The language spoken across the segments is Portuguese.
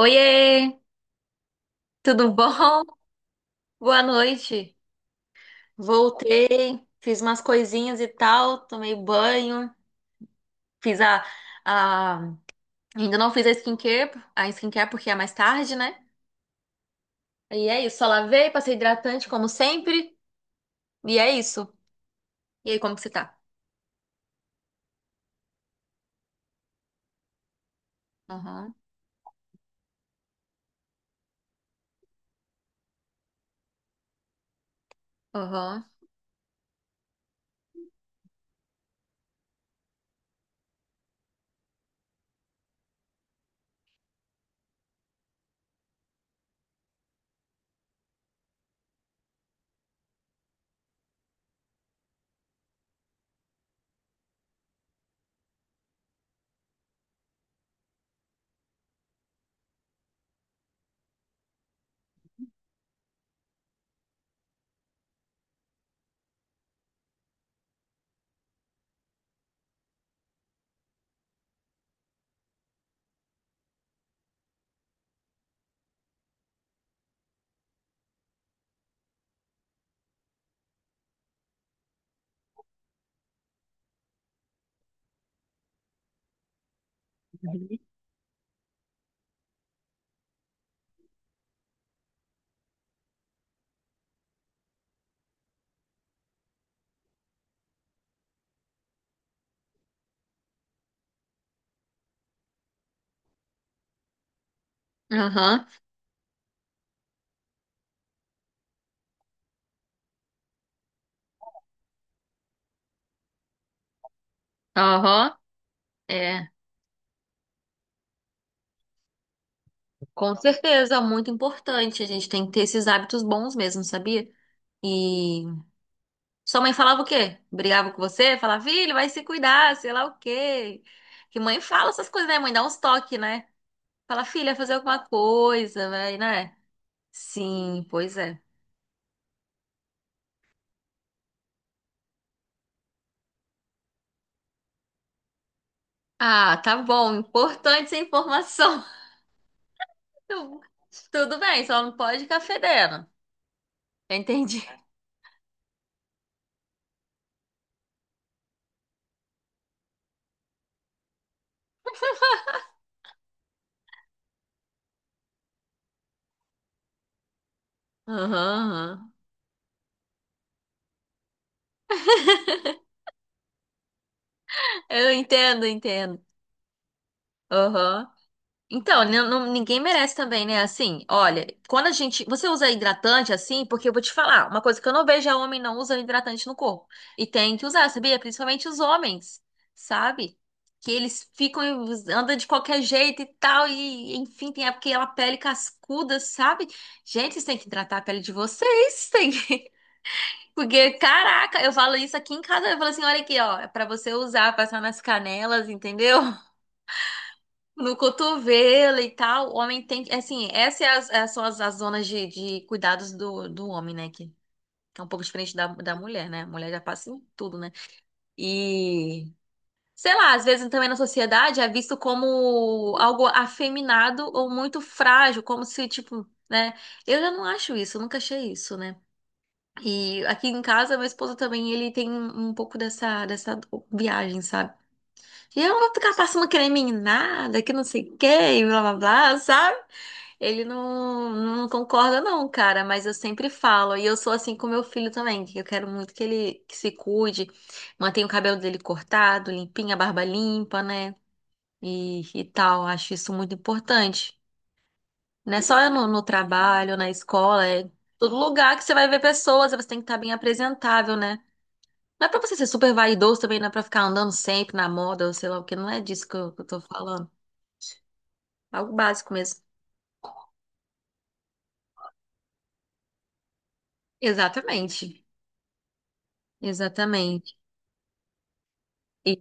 Oiê, tudo bom? Boa noite. Voltei, fiz umas coisinhas e tal, tomei banho, fiz a- ainda não fiz a skincare porque é mais tarde, né? E é isso, só lavei, passei hidratante como sempre, e é isso. E aí, como que você tá? Aham, aham, aham, aham. É, com certeza, muito importante. A gente tem que ter esses hábitos bons mesmo, sabia? E sua mãe falava o quê? Brigava com você? Falava, filho, vai se cuidar, sei lá o quê. Que mãe fala essas coisas, né? Mãe dá uns toques, né? Fala, filha, fazer alguma coisa, vai, né? Sim, pois é. Ah, tá bom. Importante essa informação. Tudo bem, só não pode ficar fedendo. Eu entendi. Aham, aham. Eu entendo, entendo. Aham. Então, ninguém merece também, né? Assim, olha, quando a gente. Você usa hidratante assim, porque eu vou te falar, uma coisa que eu não vejo é homem não usando hidratante no corpo. E tem que usar, sabia? Principalmente os homens, sabe? Que eles ficam, e andam de qualquer jeito e tal, e enfim, tem aquela pele cascuda, sabe? Gente, vocês têm que hidratar a pele de vocês, tem que... Porque, caraca, eu falo isso aqui em casa, eu falo assim, olha aqui, ó, é pra você usar, passar nas canelas, entendeu? No cotovelo e tal, o homem tem que. Assim, essas são as, zonas de cuidados do homem, né? Que é um pouco diferente da mulher, né? A mulher já passa em tudo, né? E. Sei lá, às vezes também na sociedade é visto como algo afeminado ou muito frágil, como se, tipo, né? Eu já não acho isso, eu nunca achei isso, né? E aqui em casa, meu esposo também, ele tem um pouco dessa viagem, sabe? E eu não vou ficar passando creme em nada, que não sei o que, e blá blá blá, sabe? Ele não concorda, não, cara, mas eu sempre falo, e eu sou assim com meu filho também, que eu quero muito que ele que se cuide, mantenha o cabelo dele cortado, limpinho, a barba limpa, né? E tal, acho isso muito importante. Não é só no trabalho, na escola, é todo lugar que você vai ver pessoas, você tem que estar bem apresentável, né? Não é pra você ser super vaidoso também, não é pra ficar andando sempre na moda, ou sei lá o que, não é disso que eu tô falando. Algo básico mesmo. Exatamente. Exatamente. E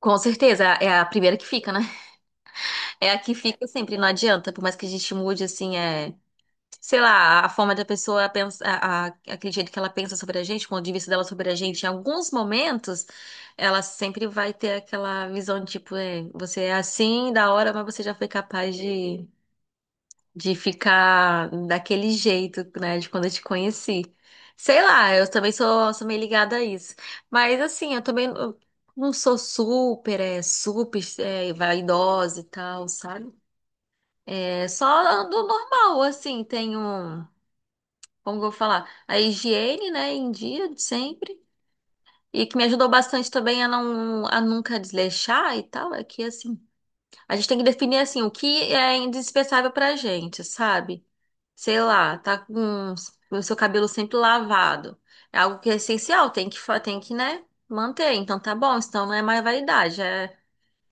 com certeza, é a primeira que fica, né? É a que fica sempre, não adianta, por mais que a gente mude, assim, é, sei lá, a forma da pessoa pensa, aquele jeito que ela pensa sobre a gente, o ponto de vista dela sobre a gente, em alguns momentos, ela sempre vai ter aquela visão de, tipo, é, você é assim, da hora, mas você já foi capaz de ficar daquele jeito, né, de quando eu te conheci. Sei lá, eu também sou meio ligada a isso. Mas assim, eu também não sou super, é, vaidosa e tal, sabe? É, só ando normal, assim, tenho, como que eu vou falar, a higiene, né, em dia, de sempre. E que me ajudou bastante também a nunca desleixar e tal, é que assim, a gente tem que definir assim o que é indispensável pra gente, sabe? Sei lá, tá com o seu cabelo sempre lavado. É algo que é essencial, tem que, tem que, né, manter. Então tá bom, então não é mais vaidade, é,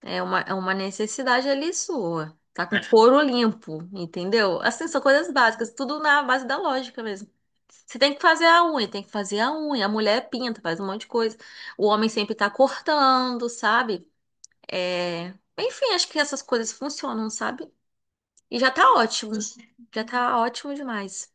é uma necessidade ali sua. Tá com é. Couro limpo, entendeu? Assim, são coisas básicas, tudo na base da lógica mesmo. Você tem que fazer a unha, tem que fazer a unha. A mulher pinta, faz um monte de coisa. O homem sempre tá cortando, sabe? É... Enfim, acho que essas coisas funcionam, sabe? E já tá ótimo. Já tá ótimo demais.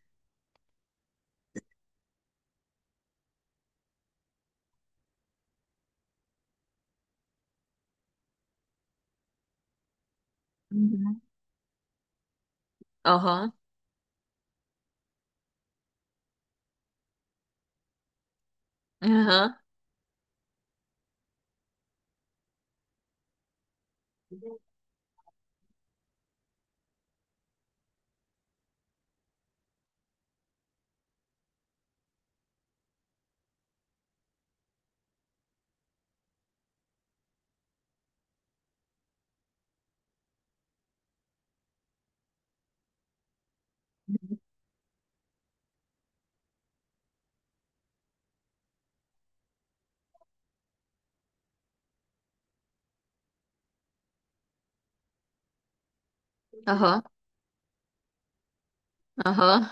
Aham, aham, aham, aham,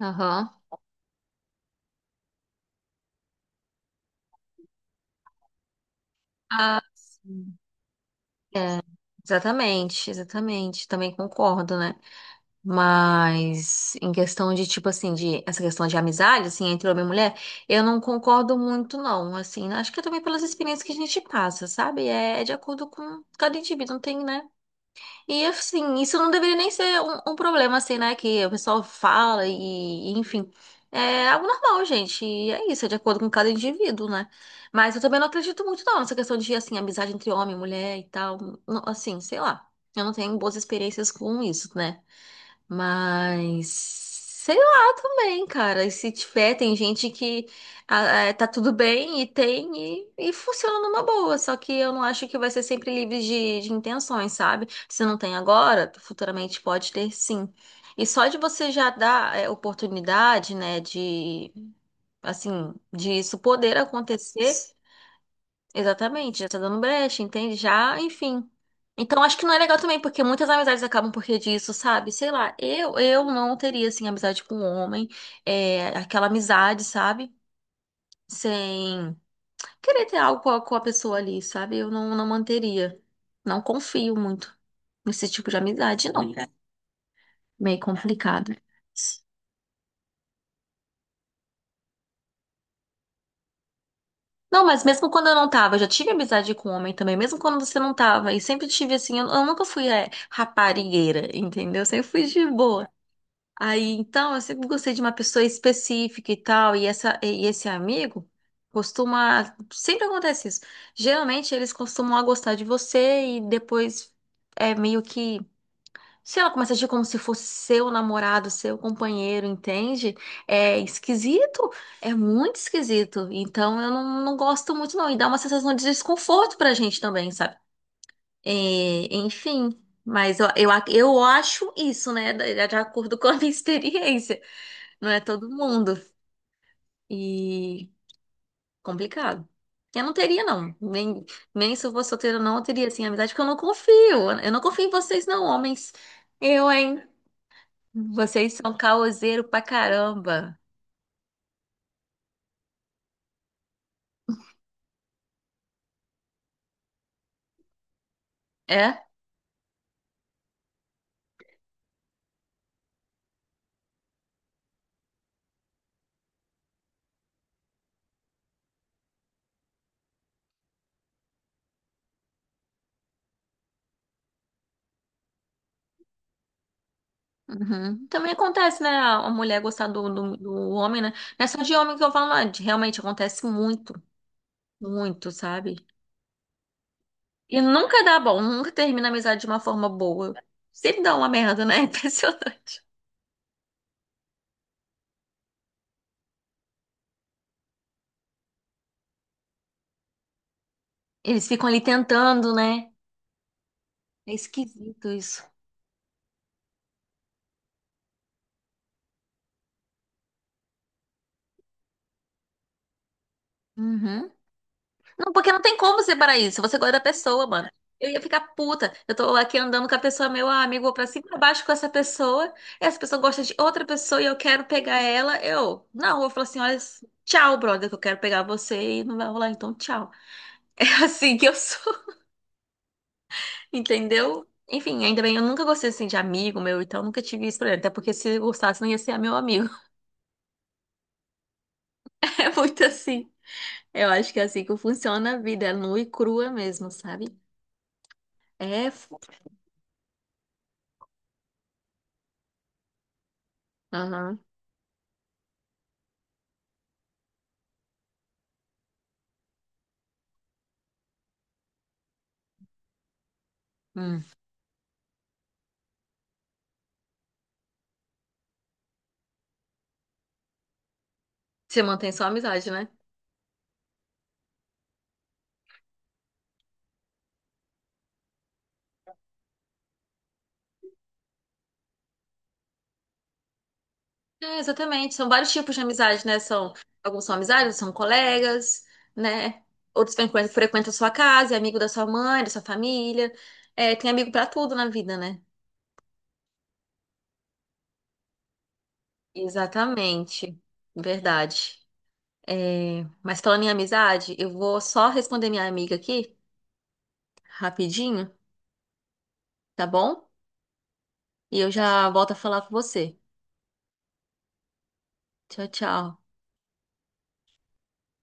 aham. Ah, sim. É, exatamente, exatamente. Também concordo, né? Mas em questão de, tipo assim, de essa questão de amizade, assim, entre homem e mulher, eu não concordo muito, não. Assim, acho que é também pelas experiências que a gente passa, sabe? É de acordo com cada indivíduo, não tem, né? E assim, isso não deveria nem ser um problema, assim, né? Que o pessoal fala e, enfim. É algo normal, gente. E é isso, é de acordo com cada indivíduo, né? Mas eu também não acredito muito, não, nessa questão de, assim, amizade entre homem e mulher e tal. Não, assim, sei lá. Eu não tenho boas experiências com isso, né? Mas sei lá também, cara. E se tiver, tem gente que ah, tá tudo bem e tem e funciona numa boa. Só que eu não acho que vai ser sempre livre de intenções, sabe? Se não tem agora, futuramente pode ter sim. E só de você já dar é, oportunidade, né, de assim, disso poder acontecer. Exatamente, já tá dando brecha, entende? Já, enfim. Então acho que não é legal também, porque muitas amizades acabam porque disso, sabe? Sei lá, eu não teria, assim, amizade com um homem, é, aquela amizade, sabe? Sem querer ter algo com a pessoa ali, sabe? Eu não manteria. Não confio muito nesse tipo de amizade não. Meio complicado. Não, mas mesmo quando eu não tava, eu já tive amizade com homem também, mesmo quando você não tava. E sempre tive assim, eu nunca fui é, raparigueira, entendeu? Eu sempre fui de boa. Aí, então, eu sempre gostei de uma pessoa específica e tal, e esse amigo costuma, sempre acontece isso. Geralmente eles costumam a gostar de você e depois é meio que se ela começa a agir como se fosse seu namorado, seu companheiro, entende? É esquisito, é muito esquisito. Então eu não gosto muito, não. E dá uma sensação de desconforto pra gente também, sabe? É, enfim, mas eu acho isso, né? De acordo com a minha experiência. Não é todo mundo. E complicado. Eu não teria, não. Nem, nem se eu fosse solteira, não, eu teria, assim, amizade, porque eu não confio. Eu não confio em vocês, não, homens. Eu, hein? Vocês são caoseiro pra caramba. É? Uhum. Também acontece, né? A mulher gostar do homem, né? Não é só de homem que eu falo, não. Realmente acontece muito, muito, sabe? E nunca dá bom, nunca termina a amizade de uma forma boa. Sempre dá uma merda, né? É impressionante. Eles ficam ali tentando, né? É esquisito isso. Uhum. Não, porque não tem como separar isso. Você gosta da pessoa, mano. Eu ia ficar puta. Eu tô aqui andando com a pessoa, meu amigo, vou pra cima e pra baixo com essa pessoa. Essa pessoa gosta de outra pessoa e eu quero pegar ela. Eu, não, eu vou falar assim: olha, tchau, brother, que eu quero pegar você e não vai rolar, então tchau. É assim que eu sou, entendeu? Enfim, ainda bem, eu nunca gostei assim de amigo meu, então nunca tive isso pra ele. Até porque se eu gostasse, não ia ser meu amigo. É muito assim. Eu acho que é assim que funciona a vida, é nua e crua mesmo, sabe? É. f- Aham. Hum. Você mantém só a amizade, né? É, exatamente. São vários tipos de amizade, né? São, alguns são amizades, são colegas, né? Outros frequentam a sua casa, é amigo da sua mãe, da sua família. É, tem amigo pra tudo na vida, né? Exatamente. Verdade. É, mas falando em amizade, eu vou só responder minha amiga aqui, rapidinho, tá bom? E eu já volto a falar com você. Tchau, tchau.